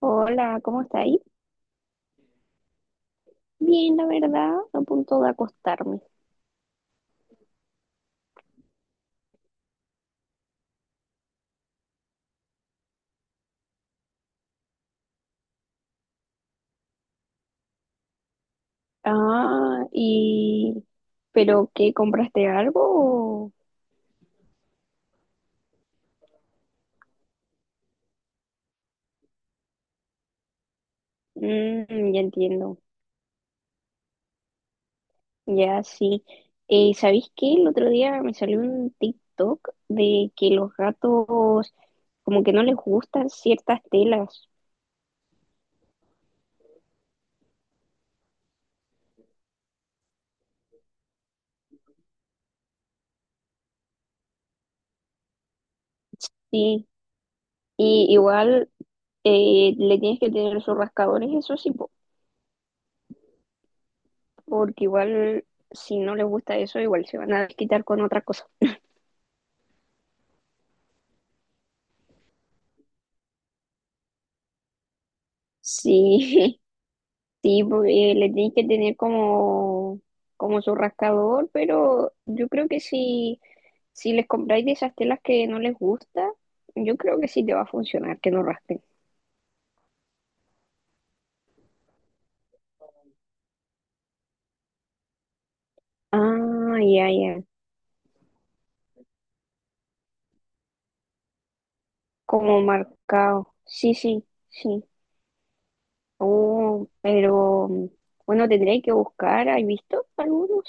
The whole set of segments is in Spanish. Hola, ¿cómo estáis? Bien, la verdad, a punto de acostarme. Ah, y... ¿Pero qué? ¿Compraste algo? Mm, ya entiendo. Ya sí. ¿Sabéis qué? El otro día me salió un TikTok de que los gatos como que no les gustan ciertas telas. Sí. Y igual le tienes que tener sus rascadores, eso sí, porque igual si no les gusta eso, igual se van a quitar con otra cosa. Sí, sí, porque le tienes que tener como, como su rascador, pero yo creo que si les compráis de esas telas que no les gusta, yo creo que sí te va a funcionar, que no raspen. Ah, ya, ya, como marcado. Sí, sí, sí. Oh, pero bueno, tendréis que buscar, ¿has visto algunos?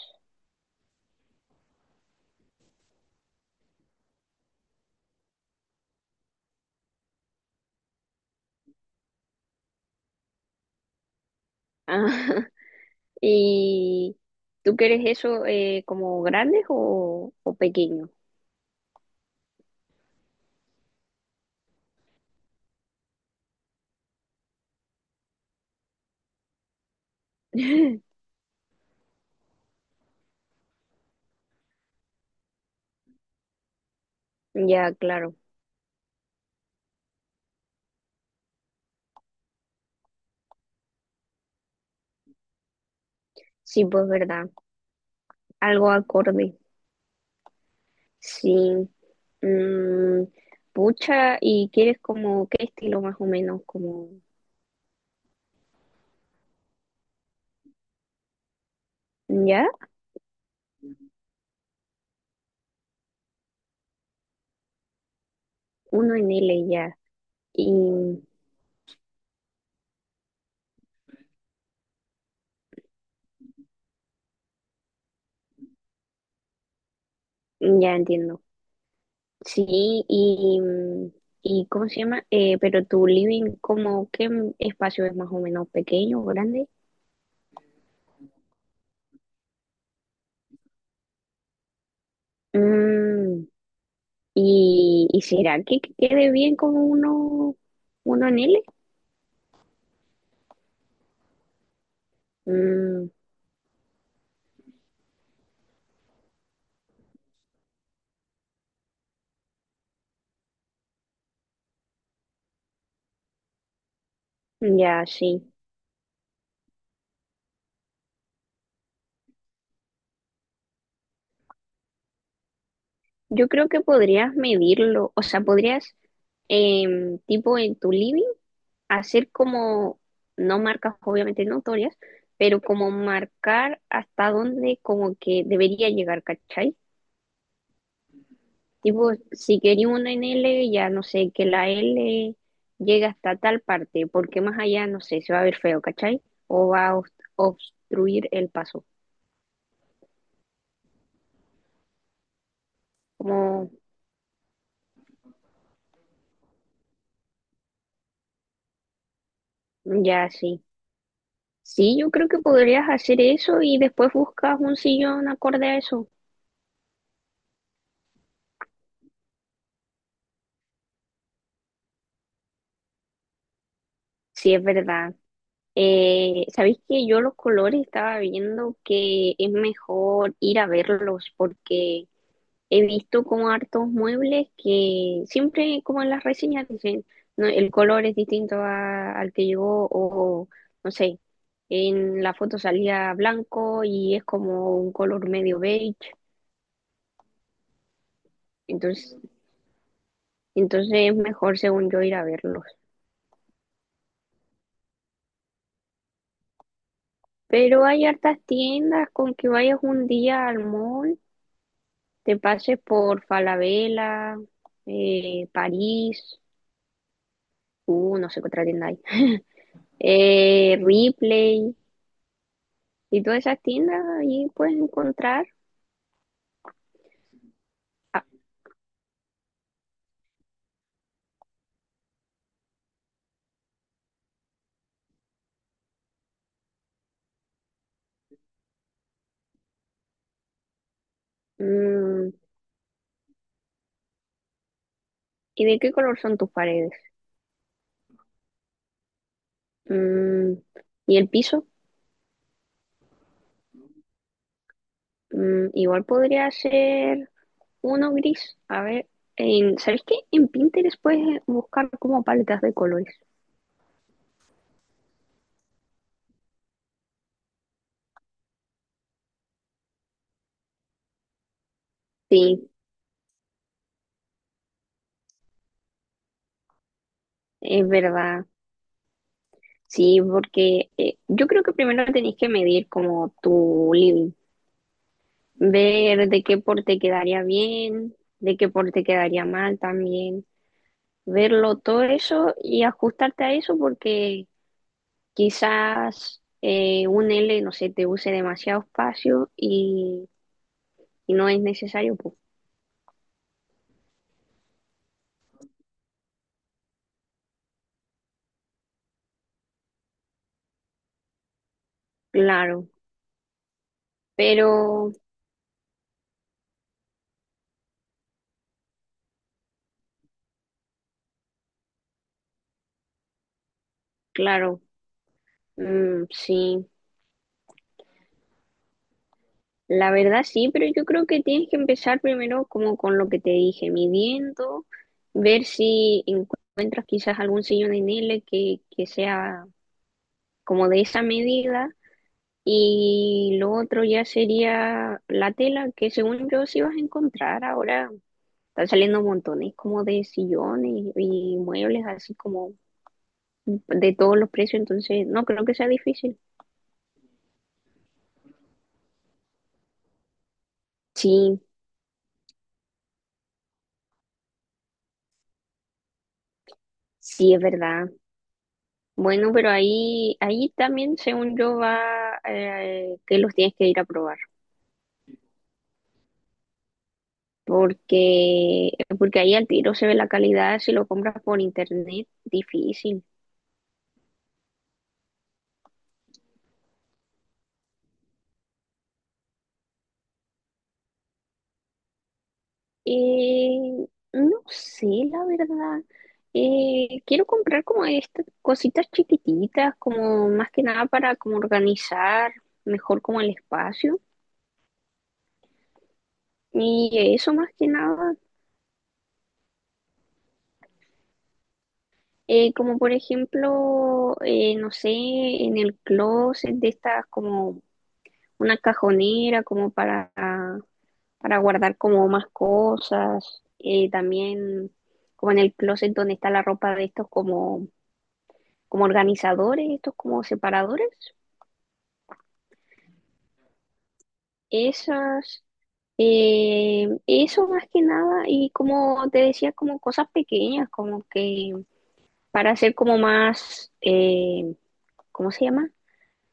Ah, ¿y tú quieres eso como grandes o pequeños? Ya, claro. Sí, pues verdad. Algo acorde. Sí. Mm, pucha, ¿y quieres como qué estilo más o menos? Como, ¿ya? Uno en L, ya. Y ya entiendo. Sí, y, mm, y ¿cómo se llama? Pero tu living, ¿como qué espacio es más o menos, pequeño, grande? Mm, ¿Y será que quede bien como uno en L? Mm, ya, sí. Yo creo que podrías medirlo, o sea, podrías tipo en tu living, hacer como, no marcas obviamente notorias, pero como marcar hasta dónde como que debería llegar, ¿cachai? Tipo, si quería una en L, ya no sé, que la L llegue hasta tal parte, porque más allá, no sé, se va a ver feo, ¿cachai? O va a obstruir el paso. Como, ya sí. Sí, yo creo que podrías hacer eso y después buscas un sillón acorde a eso. Sí, es verdad. ¿Sabéis que yo los colores estaba viendo que es mejor ir a verlos? Porque he visto como hartos muebles que siempre como en las reseñas dicen, no, el color es distinto al que llegó, o no sé, en la foto salía blanco y es como un color medio beige. Entonces, entonces es mejor, según yo, ir a verlos. Pero hay hartas tiendas, con que vayas un día al mall, te pases por Falabella, París, no sé qué otra tienda hay, Ripley, y todas esas tiendas ahí puedes encontrar. Ah, mm, ¿y de qué color son tus paredes? Mm, ¿y el piso? Mm, igual podría ser uno gris. A ver, en, ¿sabes qué? En Pinterest puedes buscar como paletas de colores. Sí, es verdad. Sí, porque yo creo que primero tenés que medir como tu living, ver de qué porte quedaría bien, de qué porte quedaría mal también, verlo todo eso y ajustarte a eso, porque quizás un L, no sé, te use demasiado espacio y no es necesario, pues claro, pero claro, mm, sí. La verdad sí, pero yo creo que tienes que empezar primero como con lo que te dije, midiendo, ver si encuentras quizás algún sillón en L que sea como de esa medida, y lo otro ya sería la tela, que según yo sí vas a encontrar ahora. Están saliendo montones como de sillones y muebles así como de todos los precios, entonces no creo que sea difícil. Sí, sí es verdad. Bueno, pero ahí, ahí también, según yo, va que los tienes que ir a probar, porque, porque ahí al tiro se ve la calidad, si lo compras por internet, difícil. Eh, no sé, la verdad. Quiero comprar como estas cositas chiquititas, como más que nada para como organizar mejor como el espacio. Y eso más que nada, como por ejemplo, no sé, en el closet, de estas como una cajonera como para guardar como más cosas, también como en el closet donde está la ropa, de estos como, como organizadores, estos como separadores, esas, eso más que nada, y como te decía, como cosas pequeñas, como que para hacer como más, ¿cómo se llama?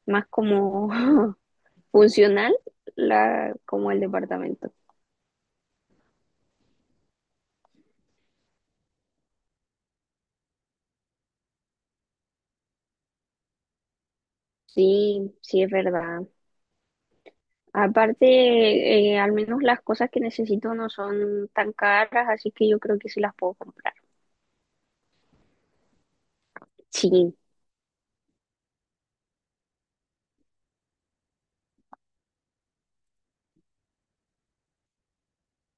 Más como funcional la, como el departamento. Sí, sí es verdad. Aparte, al menos las cosas que necesito no son tan caras, así que yo creo que sí las puedo comprar. Sí,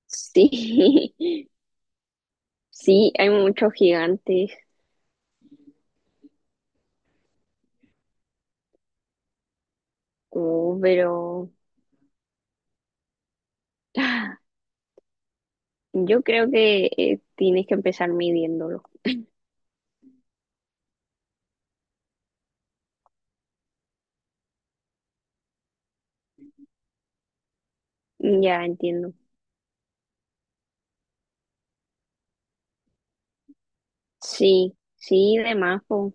sí, sí, hay muchos gigantes, oh, pero yo creo que tienes que empezar midiéndolo. Ya entiendo. Sí, sí, de más, po.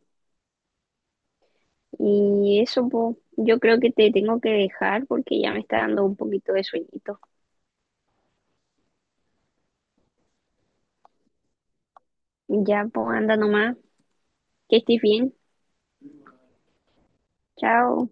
Y eso, po, yo creo que te tengo que dejar porque ya me está dando un poquito de sueñito. Ya, po, anda nomás, que estés bien. Chao.